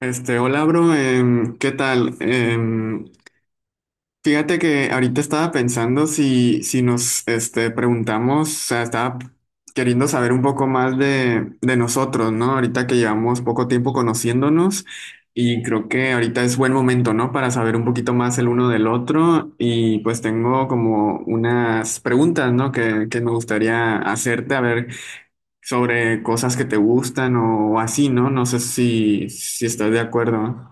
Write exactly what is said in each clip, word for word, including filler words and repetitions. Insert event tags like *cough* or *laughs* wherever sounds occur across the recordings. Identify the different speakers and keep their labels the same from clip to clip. Speaker 1: Este, hola, bro, em, ¿qué tal? Em, fíjate que ahorita estaba pensando si, si nos este, preguntamos, o sea, estaba queriendo saber un poco más de, de nosotros, ¿no? Ahorita que llevamos poco tiempo conociéndonos y creo que ahorita es buen momento, ¿no? Para saber un poquito más el uno del otro y pues tengo como unas preguntas, ¿no? Que, que me gustaría hacerte, a ver, sobre cosas que te gustan o, así, ¿no? No sé si, si estás de acuerdo.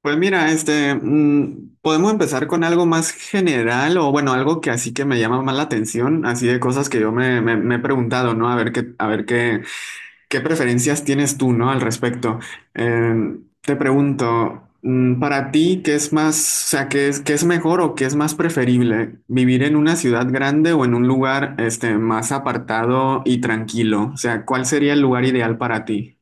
Speaker 1: Pues mira, este, mm, podemos empezar con algo más general o bueno, algo que así que me llama más la atención, así de cosas que yo me, me- me he preguntado, ¿no? A ver qué, a ver qué, qué preferencias tienes tú, ¿no? Al respecto. Eh, te pregunto, mm, para ti, ¿qué es más, o sea, qué es, qué es mejor o qué es más preferible, ¿vivir en una ciudad grande o en un lugar, este, más apartado y tranquilo? O sea, ¿cuál sería el lugar ideal para ti?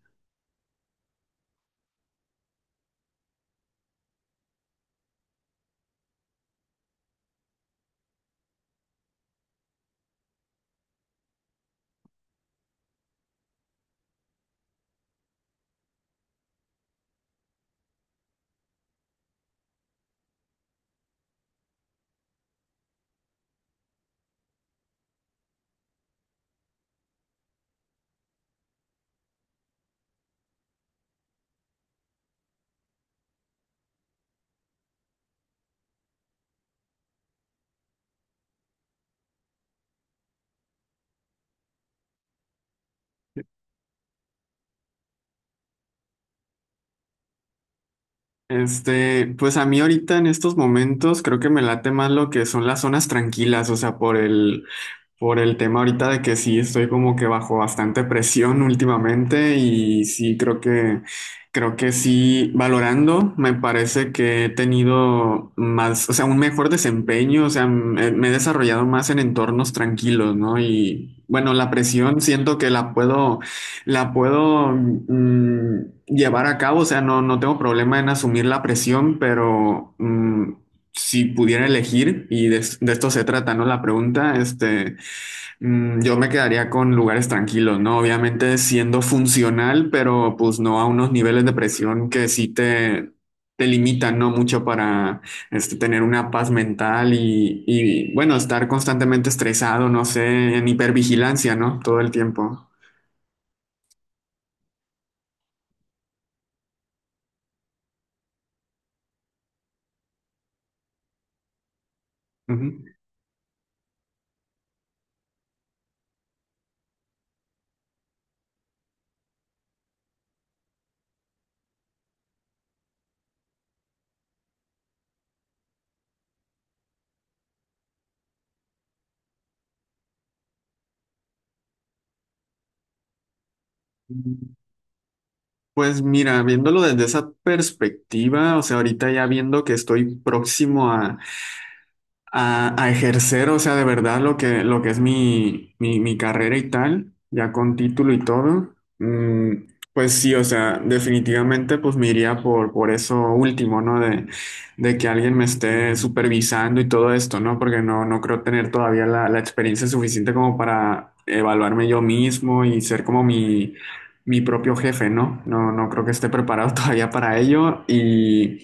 Speaker 1: Este, pues a mí ahorita en estos momentos creo que me late más lo que son las zonas tranquilas, o sea, por el, por el tema ahorita de que sí estoy como que bajo bastante presión últimamente y sí creo que creo que sí, valorando me parece que he tenido más, o sea, un mejor desempeño, o sea, me me he desarrollado más en entornos tranquilos, ¿no? Y bueno, la presión siento que la puedo la puedo mm, llevar a cabo, o sea, no no tengo problema en asumir la presión, pero mm. Si pudiera elegir, y de, de esto se trata, ¿no? La pregunta, este. Mm, yo me quedaría con lugares tranquilos, ¿no? Obviamente siendo funcional, pero pues no a unos niveles de presión que sí te, te limitan, ¿no? Mucho para este, tener una paz mental y, y, bueno, estar constantemente estresado, no sé, en hipervigilancia, ¿no? Todo el tiempo. Ujú. Pues mira, viéndolo desde esa perspectiva, o sea, ahorita ya viendo que estoy próximo a a, a ejercer, o sea, de verdad lo que, lo que es mi, mi, mi carrera y tal, ya con título y todo, mm, pues sí, o sea, definitivamente pues me iría por, por eso último, ¿no? De, de que alguien me esté supervisando y todo esto, ¿no? Porque no, no creo tener todavía la, la experiencia suficiente como para evaluarme yo mismo y ser como mi... mi propio jefe, ¿no? No, no creo que esté preparado *laughs* todavía para ello y,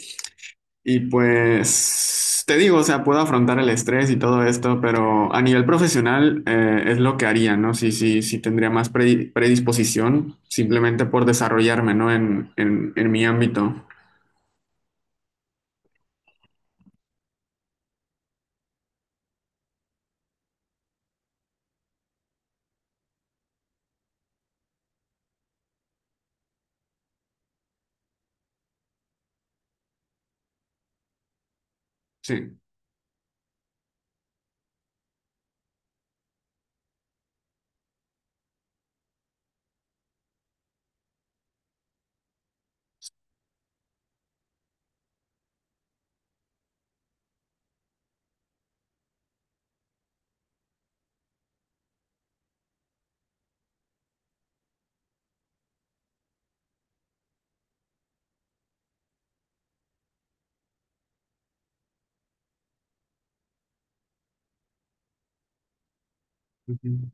Speaker 1: y pues te digo, o sea, puedo afrontar el estrés y todo esto, pero a nivel profesional, eh, es lo que haría, ¿no? Sí, sí, sí tendría más predi- predisposición simplemente por desarrollarme, ¿no? En, en, en mi ámbito. Sí. Ujú.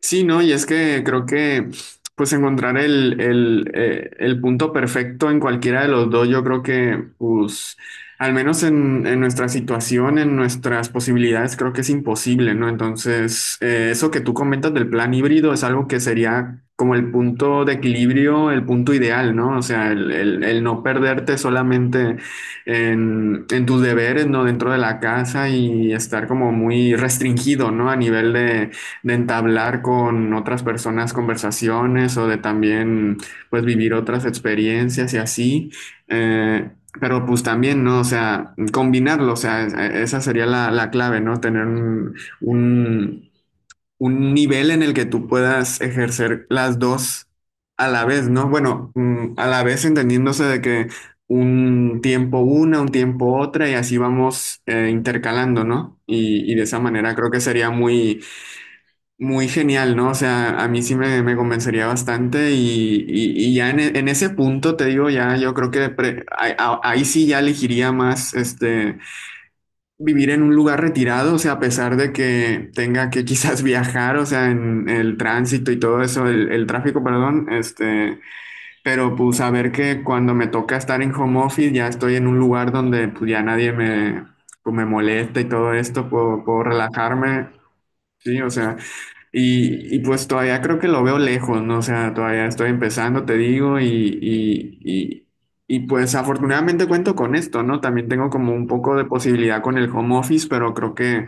Speaker 1: Sí, no, y es que creo que pues encontrar el, el, eh, el punto perfecto en cualquiera de los dos, yo creo que pues al menos en, en nuestra situación, en nuestras posibilidades, creo que es imposible, ¿no? Entonces, eh, eso que tú comentas del plan híbrido es algo que sería como el punto de equilibrio, el punto ideal, ¿no? O sea, el, el- el no perderte solamente en, en tus deberes, ¿no? Dentro de la casa y estar como muy restringido, ¿no? A nivel de de entablar con otras personas conversaciones o de también pues vivir otras experiencias y así. Eh, pero pues también, ¿no? O sea, combinarlo, o sea, esa sería la, la clave, ¿no? Tener un, un, un nivel en el que tú puedas ejercer las dos a la vez, ¿no? Bueno, mm, a la vez entendiéndose de que un tiempo una, un tiempo otra y así vamos, eh, intercalando, ¿no? Y, y de esa manera creo que sería muy, muy genial, ¿no? O sea, a mí sí me, me convencería bastante y, y- y ya en, e- en ese punto, te digo, ya yo creo que pre- ahí a- ahí sí ya elegiría más este, vivir en un lugar retirado, o sea, a pesar de que tenga que quizás *laughs* viajar, o sea, en el tránsito y todo eso, el, el tráfico, perdón, este, pero pues saber que cuando me toca estar en home office ya estoy en un lugar donde pues ya nadie me, pues, me molesta y todo esto, puedo, puedo relajarme. Sí, o sea, y, y pues todavía creo que lo veo lejos, ¿no? O sea, todavía estoy empezando, te digo, y, y, y, y pues afortunadamente cuento con esto, ¿no? También tengo como un poco de posibilidad con el home office, pero creo que,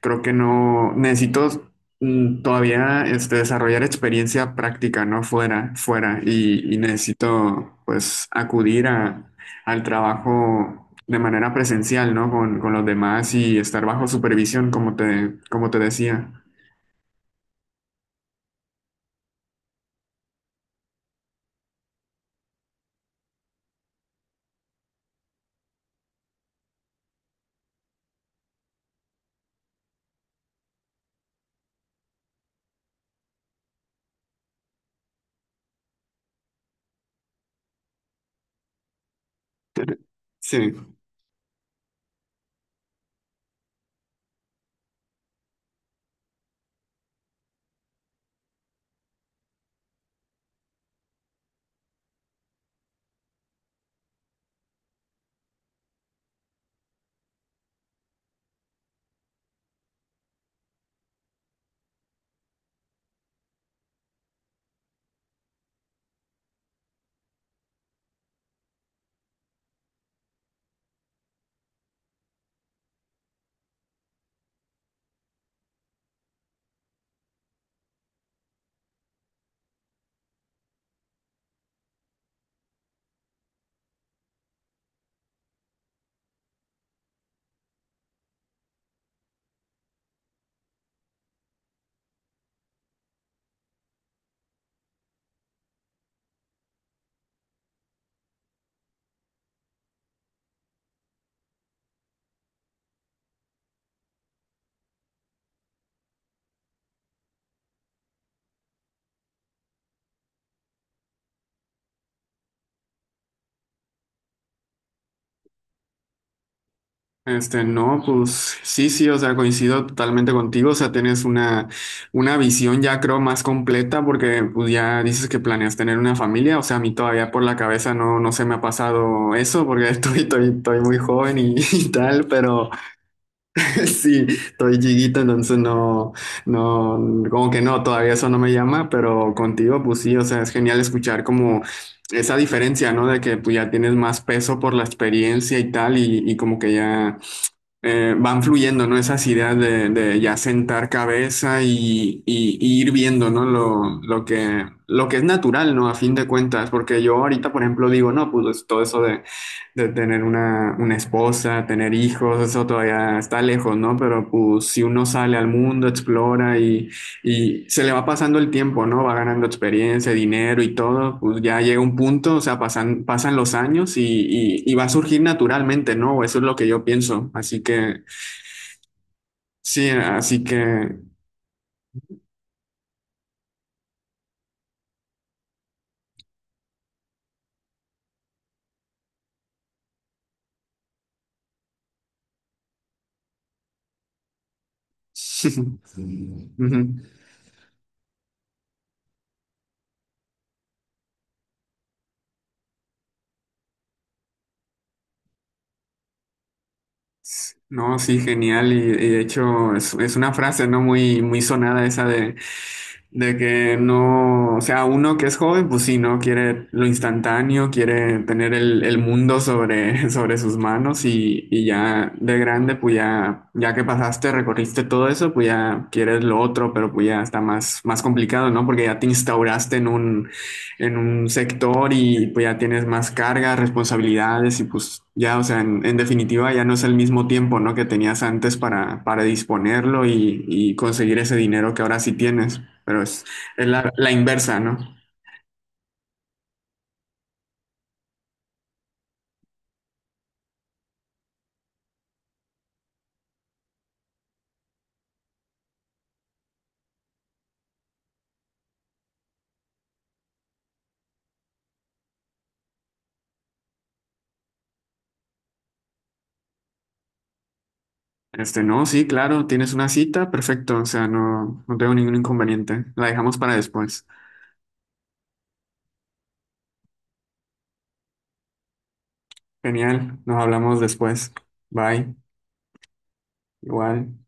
Speaker 1: creo que no, necesito mm, todavía este, desarrollar experiencia práctica, ¿no? Fuera, fuera, y, y necesito pues acudir a, al trabajo. De manera presencial, ¿no? Con, con los demás y estar bajo supervisión, como te, como te decía. Tere- Sí, este, no, pues sí, sí, o sea, coincido totalmente contigo, o sea, tienes una, una visión ya creo más completa porque pues ya dices que planeas tener una familia, o sea, a mí todavía por la cabeza no, no se me ha pasado eso porque *laughs* estoy, estoy, estoy muy joven y, y tal, pero... *laughs* Sí, estoy chiquito, entonces no, no, como que no, todavía eso no me llama, pero contigo, pues sí, o sea, es genial escuchar como esa diferencia, ¿no? De que pues ya tienes más peso por la experiencia y tal, y, y como que ya, eh, van fluyendo, ¿no? Esas ideas de, de ya sentar cabeza y, y- y ir viendo, ¿no? Lo, lo que, lo que es natural, ¿no? A fin de cuentas, porque yo ahorita, por ejemplo, digo, no, pues todo eso de de tener una, una esposa, tener hijos, eso todavía está lejos, ¿no? Pero pues si uno sale al mundo, explora y, y se le va pasando el tiempo, ¿no? Va ganando experiencia, dinero y todo, pues ya llega un punto, o sea, pasan, pasan los años y, y, y va a surgir naturalmente, ¿no? Eso es lo que yo pienso. Así que, sí, así que... *laughs* Ujú. No, sí, genial. Y, y de hecho es, es una frase, ¿no? Muy, muy sonada esa de, de que no, o sea, uno que es joven, pues sí, ¿no? Quiere lo instantáneo, quiere tener el, el mundo sobre, *laughs* sobre sus manos y, y ya de grande, pues ya, ya que pasaste, recorriste todo eso, pues ya quieres lo otro, pero pues ya está más, más complicado, ¿no? Porque ya te instauraste en un sector y pues ya tienes más cargas, responsabilidades y pues ya, o sea, en, en definitiva ya no es el mismo tiempo, ¿no? Que tenías antes para, para disponerlo y, y conseguir ese dinero que ahora sí tienes, pero es, es la, la inversa, ¿no? Este, no, sí, claro, tienes una cita, perfecto, o sea, no, no tengo ningún inconveniente, la dejamos para después. Genial, nos hablamos después. Bye, igual.